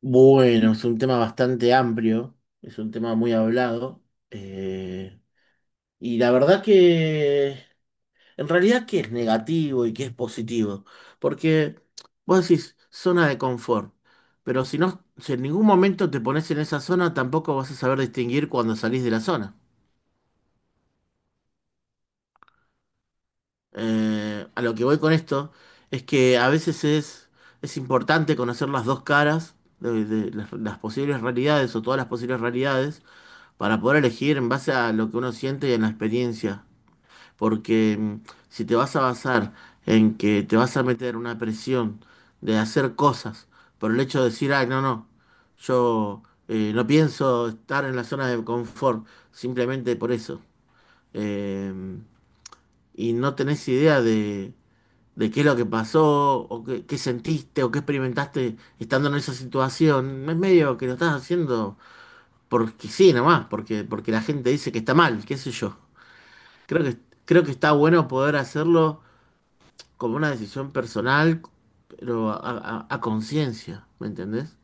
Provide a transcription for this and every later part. Bueno, es un tema bastante amplio, es un tema muy hablado. eh, y la verdad que en realidad que es negativo y que es positivo. Porque vos decís zona de confort, pero si no, si en ningún momento te pones en esa zona, tampoco vas a saber distinguir cuando salís de la zona. A lo que voy con esto es que es importante conocer las dos caras de las posibles realidades o todas las posibles realidades para poder elegir en base a lo que uno siente y en la experiencia. Porque si te vas a basar en que te vas a meter una presión de hacer cosas por el hecho de decir, ay, no, yo no pienso estar en la zona de confort, simplemente por eso. eh, y no tenés idea de qué es lo que pasó, o qué, qué sentiste, o qué experimentaste estando en esa situación, es medio que lo estás haciendo porque sí, nomás, porque la gente dice que está mal, qué sé yo. Creo que, creo que está bueno poder hacerlo como una decisión personal, pero a conciencia, ¿me entendés?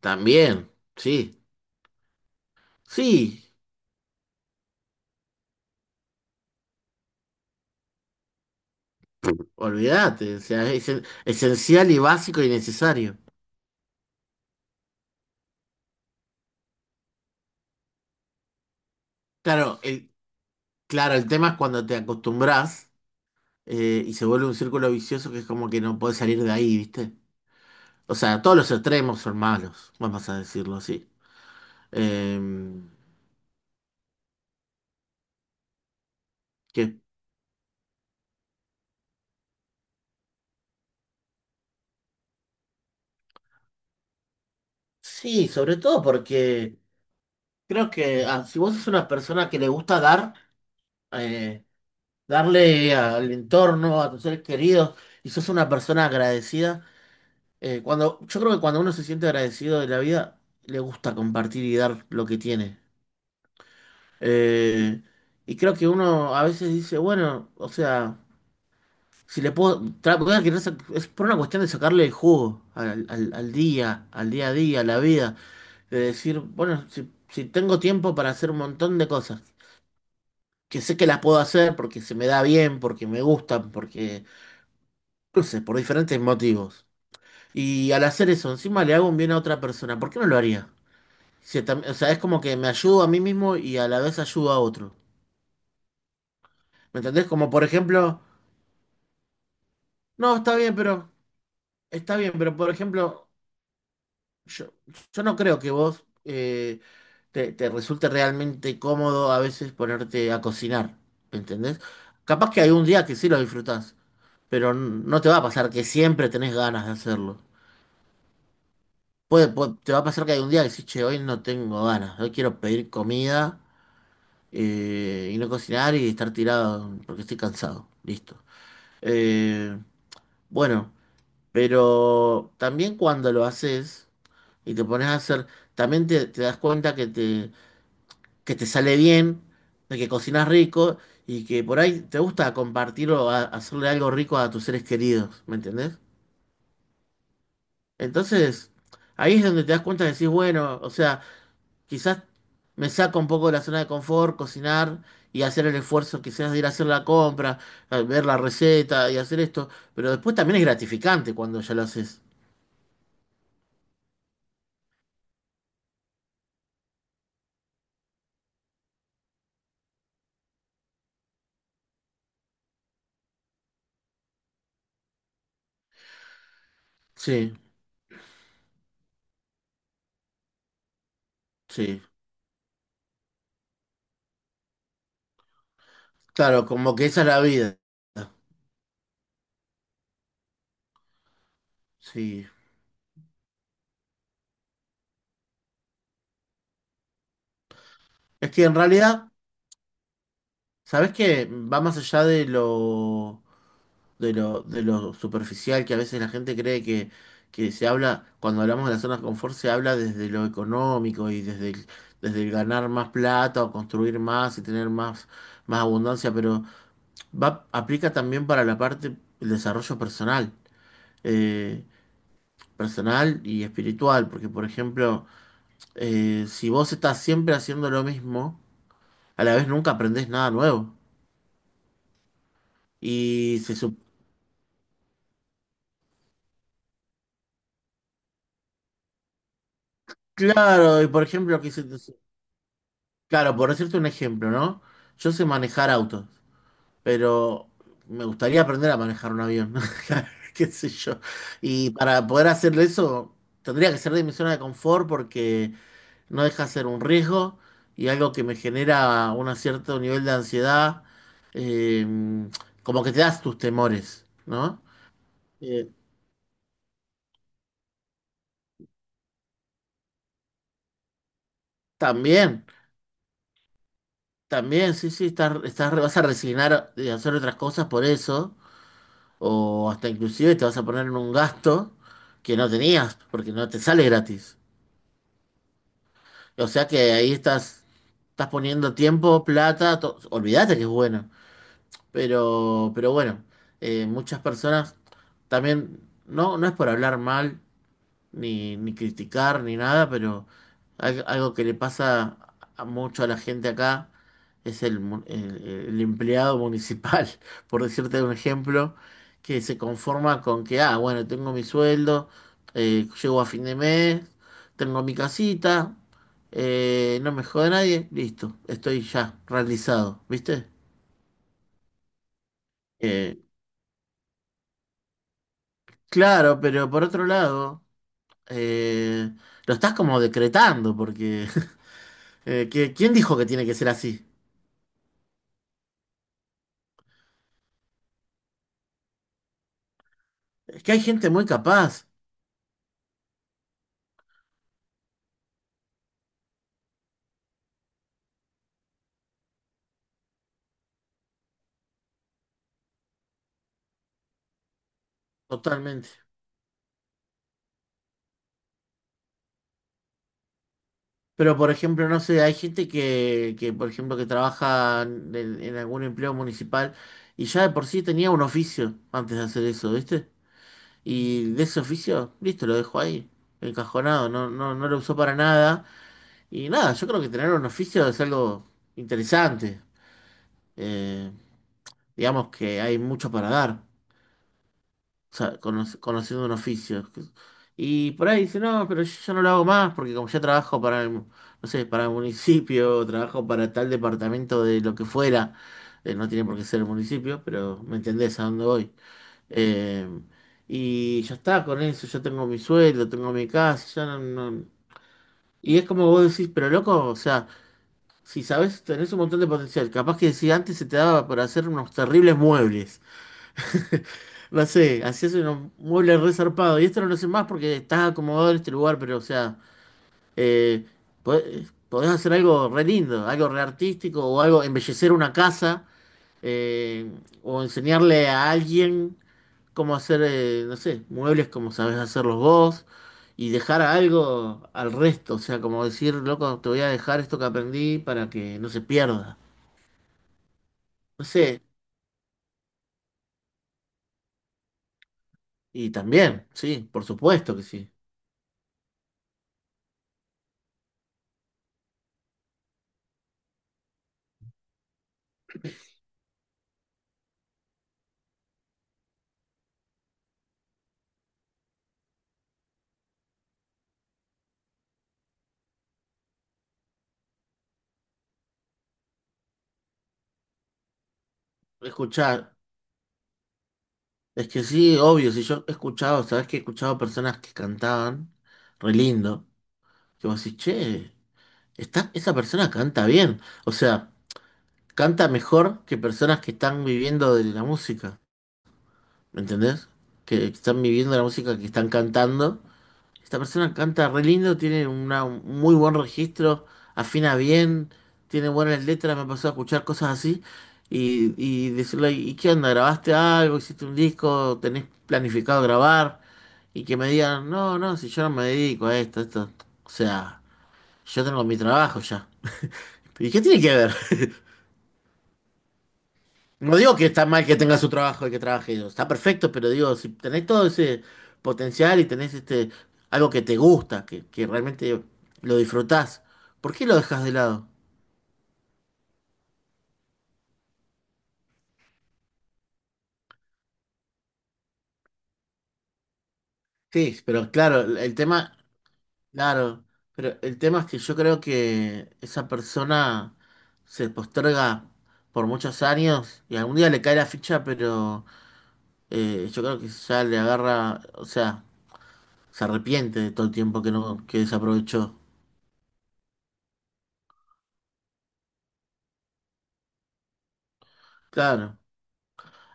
También, sí, sí, olvídate, o sea, es esencial y básico y necesario. Claro, el, claro, el tema es cuando te acostumbras, y se vuelve un círculo vicioso que es como que no puedes salir de ahí, ¿viste? O sea, todos los extremos son malos, vamos a decirlo así. Em, que Sí, sobre todo porque creo que si vos sos una persona que le gusta dar, eh, darle al entorno, a tus seres queridos, y sos una persona agradecida, yo creo que cuando uno se siente agradecido de la vida, le gusta compartir y dar lo que tiene. Eh, y creo que uno a veces dice, bueno, o sea, si le puedo, tra- voy a es por una cuestión de sacarle el jugo al día, al día a día, a la vida. De decir, bueno, si tengo tiempo para hacer un montón de cosas, que sé que las puedo hacer porque se me da bien, porque me gustan, porque, no sé, por diferentes motivos. Y al hacer eso, encima le hago un bien a otra persona, ¿por qué no lo haría? Si tam- O sea, es como que me ayudo a mí mismo y a la vez ayudo a otro. ¿Me entendés? Como por ejemplo, no, está bien, pero por ejemplo... Yo, yo no creo que vos te resulte realmente cómodo a veces ponerte a cocinar, ¿entendés? Capaz que hay un día que sí lo disfrutás, pero no te va a pasar que siempre tenés ganas de hacerlo. Te va a pasar que hay un día que decís, che, hoy no tengo ganas, hoy quiero pedir comida, y no cocinar y estar tirado porque estoy cansado, listo. Eh, bueno, pero también cuando lo haces y te pones a hacer, también te das cuenta que te sale bien, de que cocinas rico y que por ahí te gusta compartir o hacerle algo rico a tus seres queridos, ¿me entendés? Entonces, ahí es donde te das cuenta y decís, bueno, o sea, quizás me saco un poco de la zona de confort, cocinar y hacer el esfuerzo quizás de ir a hacer la compra, a ver la receta y hacer esto, pero después también es gratificante cuando ya lo haces. Sí, sí. Claro, como que esa es la vida. Sí. Es que en realidad... Sabes que va más allá de lo superficial que a veces la gente cree que se habla, cuando hablamos de las zonas de confort, se habla desde lo económico y desde el ganar más plata o construir más y tener más, más abundancia, pero va, aplica también para la parte del desarrollo personal, eh, personal y espiritual, porque por ejemplo, si vos estás siempre haciendo lo mismo, a la vez nunca aprendés nada nuevo. Y se Claro, y por ejemplo, claro, por decirte un ejemplo, ¿no? Yo sé manejar autos, pero me gustaría aprender a manejar un avión, qué sé yo. Y para poder hacerle eso, tendría que ser de mi zona de confort porque no deja de ser un riesgo y algo que me genera un cierto nivel de ansiedad, eh, como que te das tus temores, ¿no? Eh, también, también, sí, sí, vas a resignar de hacer otras cosas por eso o hasta inclusive te vas a poner en un gasto que no tenías, porque no te sale gratis. O sea que estás poniendo tiempo, plata, olvídate que es bueno. Pero bueno, muchas personas también, no, no es por hablar mal, ni criticar ni nada, pero algo que le pasa a mucho a la gente acá es el empleado municipal, por decirte un ejemplo, que se conforma con que, ah, bueno, tengo mi sueldo, llego a fin de mes, tengo mi casita, no me jode nadie, listo, estoy ya realizado, ¿viste? Eh, claro, pero por otro lado, eh, lo estás como decretando, porque ¿qué- ¿quién dijo que tiene que ser así? Es que hay gente muy capaz, totalmente. Pero, por ejemplo, no sé, hay gente por ejemplo, que trabaja en algún empleo municipal y ya de por sí tenía un oficio antes de hacer eso, ¿viste? Y de ese oficio, listo, lo dejó ahí, encajonado, no lo usó para nada. Y nada, yo creo que tener un oficio es algo interesante. Eh, digamos que hay mucho para dar. O sea, conociendo un oficio. Y por ahí dice, no, pero yo ya no lo hago más porque como ya trabajo para no sé, para el municipio, trabajo para tal departamento de lo que fuera, no tiene por qué ser el municipio, pero me entendés a dónde voy. Eh, y ya está con eso, ya tengo mi sueldo, tengo mi casa, ya no- Y es como vos decís, pero loco, o sea, si sabés, tenés un montón de potencial, capaz que si antes se te daba para hacer unos terribles muebles. No sé, hacías un mueble re zarpado. Y esto no lo sé más porque estás acomodado en este lugar, pero o sea, eh, podés hacer algo re lindo, algo re artístico o algo, embellecer una casa, eh, o enseñarle a alguien cómo hacer, no sé, muebles como sabés hacerlos vos y dejar algo al resto. O sea, como decir, loco, te voy a dejar esto que aprendí para que no se pierda. No sé, y también, sí, por supuesto que sí. Escuchar. Es que sí, obvio, si yo he escuchado, sabes que he escuchado personas que cantaban re lindo, que vos decís, che, esa persona canta bien, o sea, canta mejor que personas que están viviendo de la música, ¿me entendés? Que están viviendo la música, que están cantando esta persona canta re lindo, tiene un muy buen registro, afina bien, tiene buenas letras, me pasó a escuchar cosas así y decirle, ¿y qué onda? ¿Grabaste algo? ¿Hiciste un disco? ¿Tenés planificado grabar? Y que me digan, si yo no me dedico a esto, o sea, yo tengo mi trabajo ya. ¿Y qué tiene que ver? No digo que está mal que tenga su trabajo y que trabaje, digo, está perfecto, pero digo, si tenés todo ese potencial y tenés este algo que te gusta, que realmente lo disfrutás, ¿por qué lo dejas de lado? Sí, pero claro, el el tema, claro, pero el tema es que yo creo que esa persona se posterga por muchos años y algún día le cae la ficha, pero yo creo que ya le agarra, o sea, se arrepiente de todo el tiempo que no, que desaprovechó. Claro.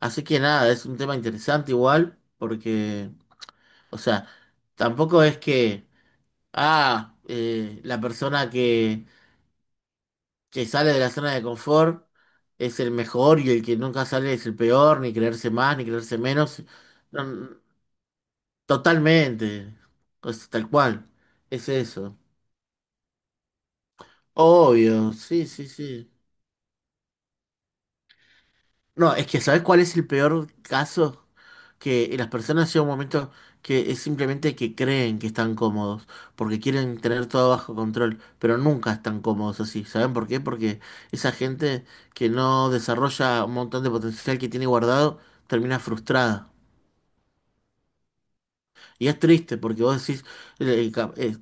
Así que nada, es un tema interesante igual, porque, o sea, tampoco es que, la persona que sale de la zona de confort es el mejor y el que nunca sale es el peor, ni creerse más, ni creerse menos. No, no, totalmente, pues, tal cual, es eso. Obvio, sí, sí, sí. No, es que ¿sabes cuál es el peor caso? Que las personas llegan un momento que es simplemente que creen que están cómodos, porque quieren tener todo bajo control, pero nunca están cómodos así. ¿Saben por qué? Porque esa gente que no desarrolla un montón de potencial que tiene guardado, termina frustrada. Y es triste, porque vos decís, eh, ca- eh,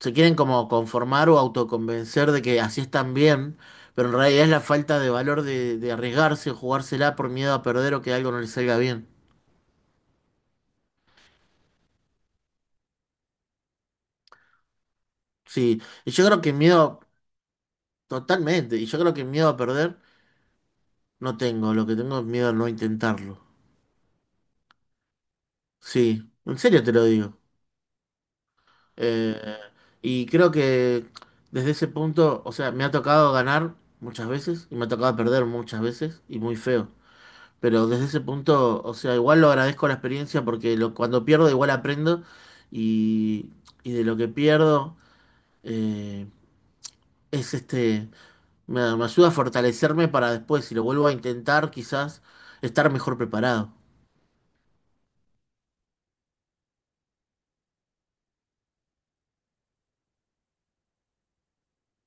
se quieren como conformar o autoconvencer de que así están bien, pero en realidad es la falta de valor de arriesgarse o jugársela por miedo a perder o que algo no les salga bien. Sí, y yo creo que miedo, totalmente, y yo creo que miedo a perder no tengo, lo que tengo es miedo a no intentarlo. Sí, en serio te lo digo. Eh, y creo que desde ese punto, o sea, me ha tocado ganar muchas veces y me ha tocado perder muchas veces y muy feo. Pero desde ese punto, o sea, igual lo agradezco la experiencia porque cuando pierdo igual aprendo y, y de lo que pierdo eh, es este... me ayuda a fortalecerme para después, si lo vuelvo a intentar, quizás estar mejor preparado.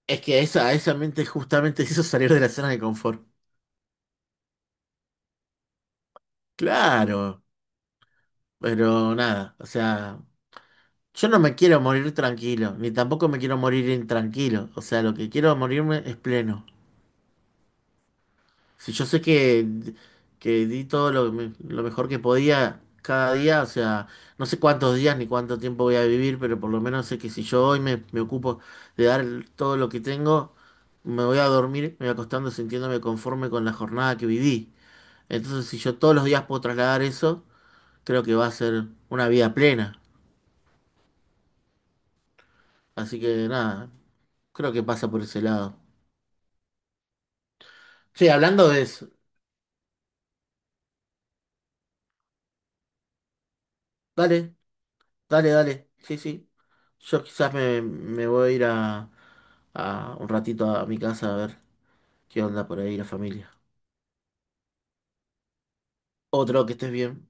Es que esa mente justamente hizo salir de la zona de confort. Claro, pero nada, o sea, yo no me quiero morir tranquilo, ni tampoco me quiero morir intranquilo. O sea, lo que quiero morirme es pleno. Si yo sé que di lo mejor que podía cada día, o sea, no sé cuántos días ni cuánto tiempo voy a vivir, pero por lo menos sé que si yo hoy me ocupo de todo lo que tengo, me voy acostando sintiéndome conforme con la jornada que viví. Entonces, si yo todos los días puedo trasladar eso, creo que va a ser una vida plena. Así que nada, creo que pasa por ese lado. Sí, hablando de eso, dale, dale, dale. Sí, sí. Yo me voy a ir a un ratito a mi casa a ver qué onda por ahí la familia. Otro, que estés bien.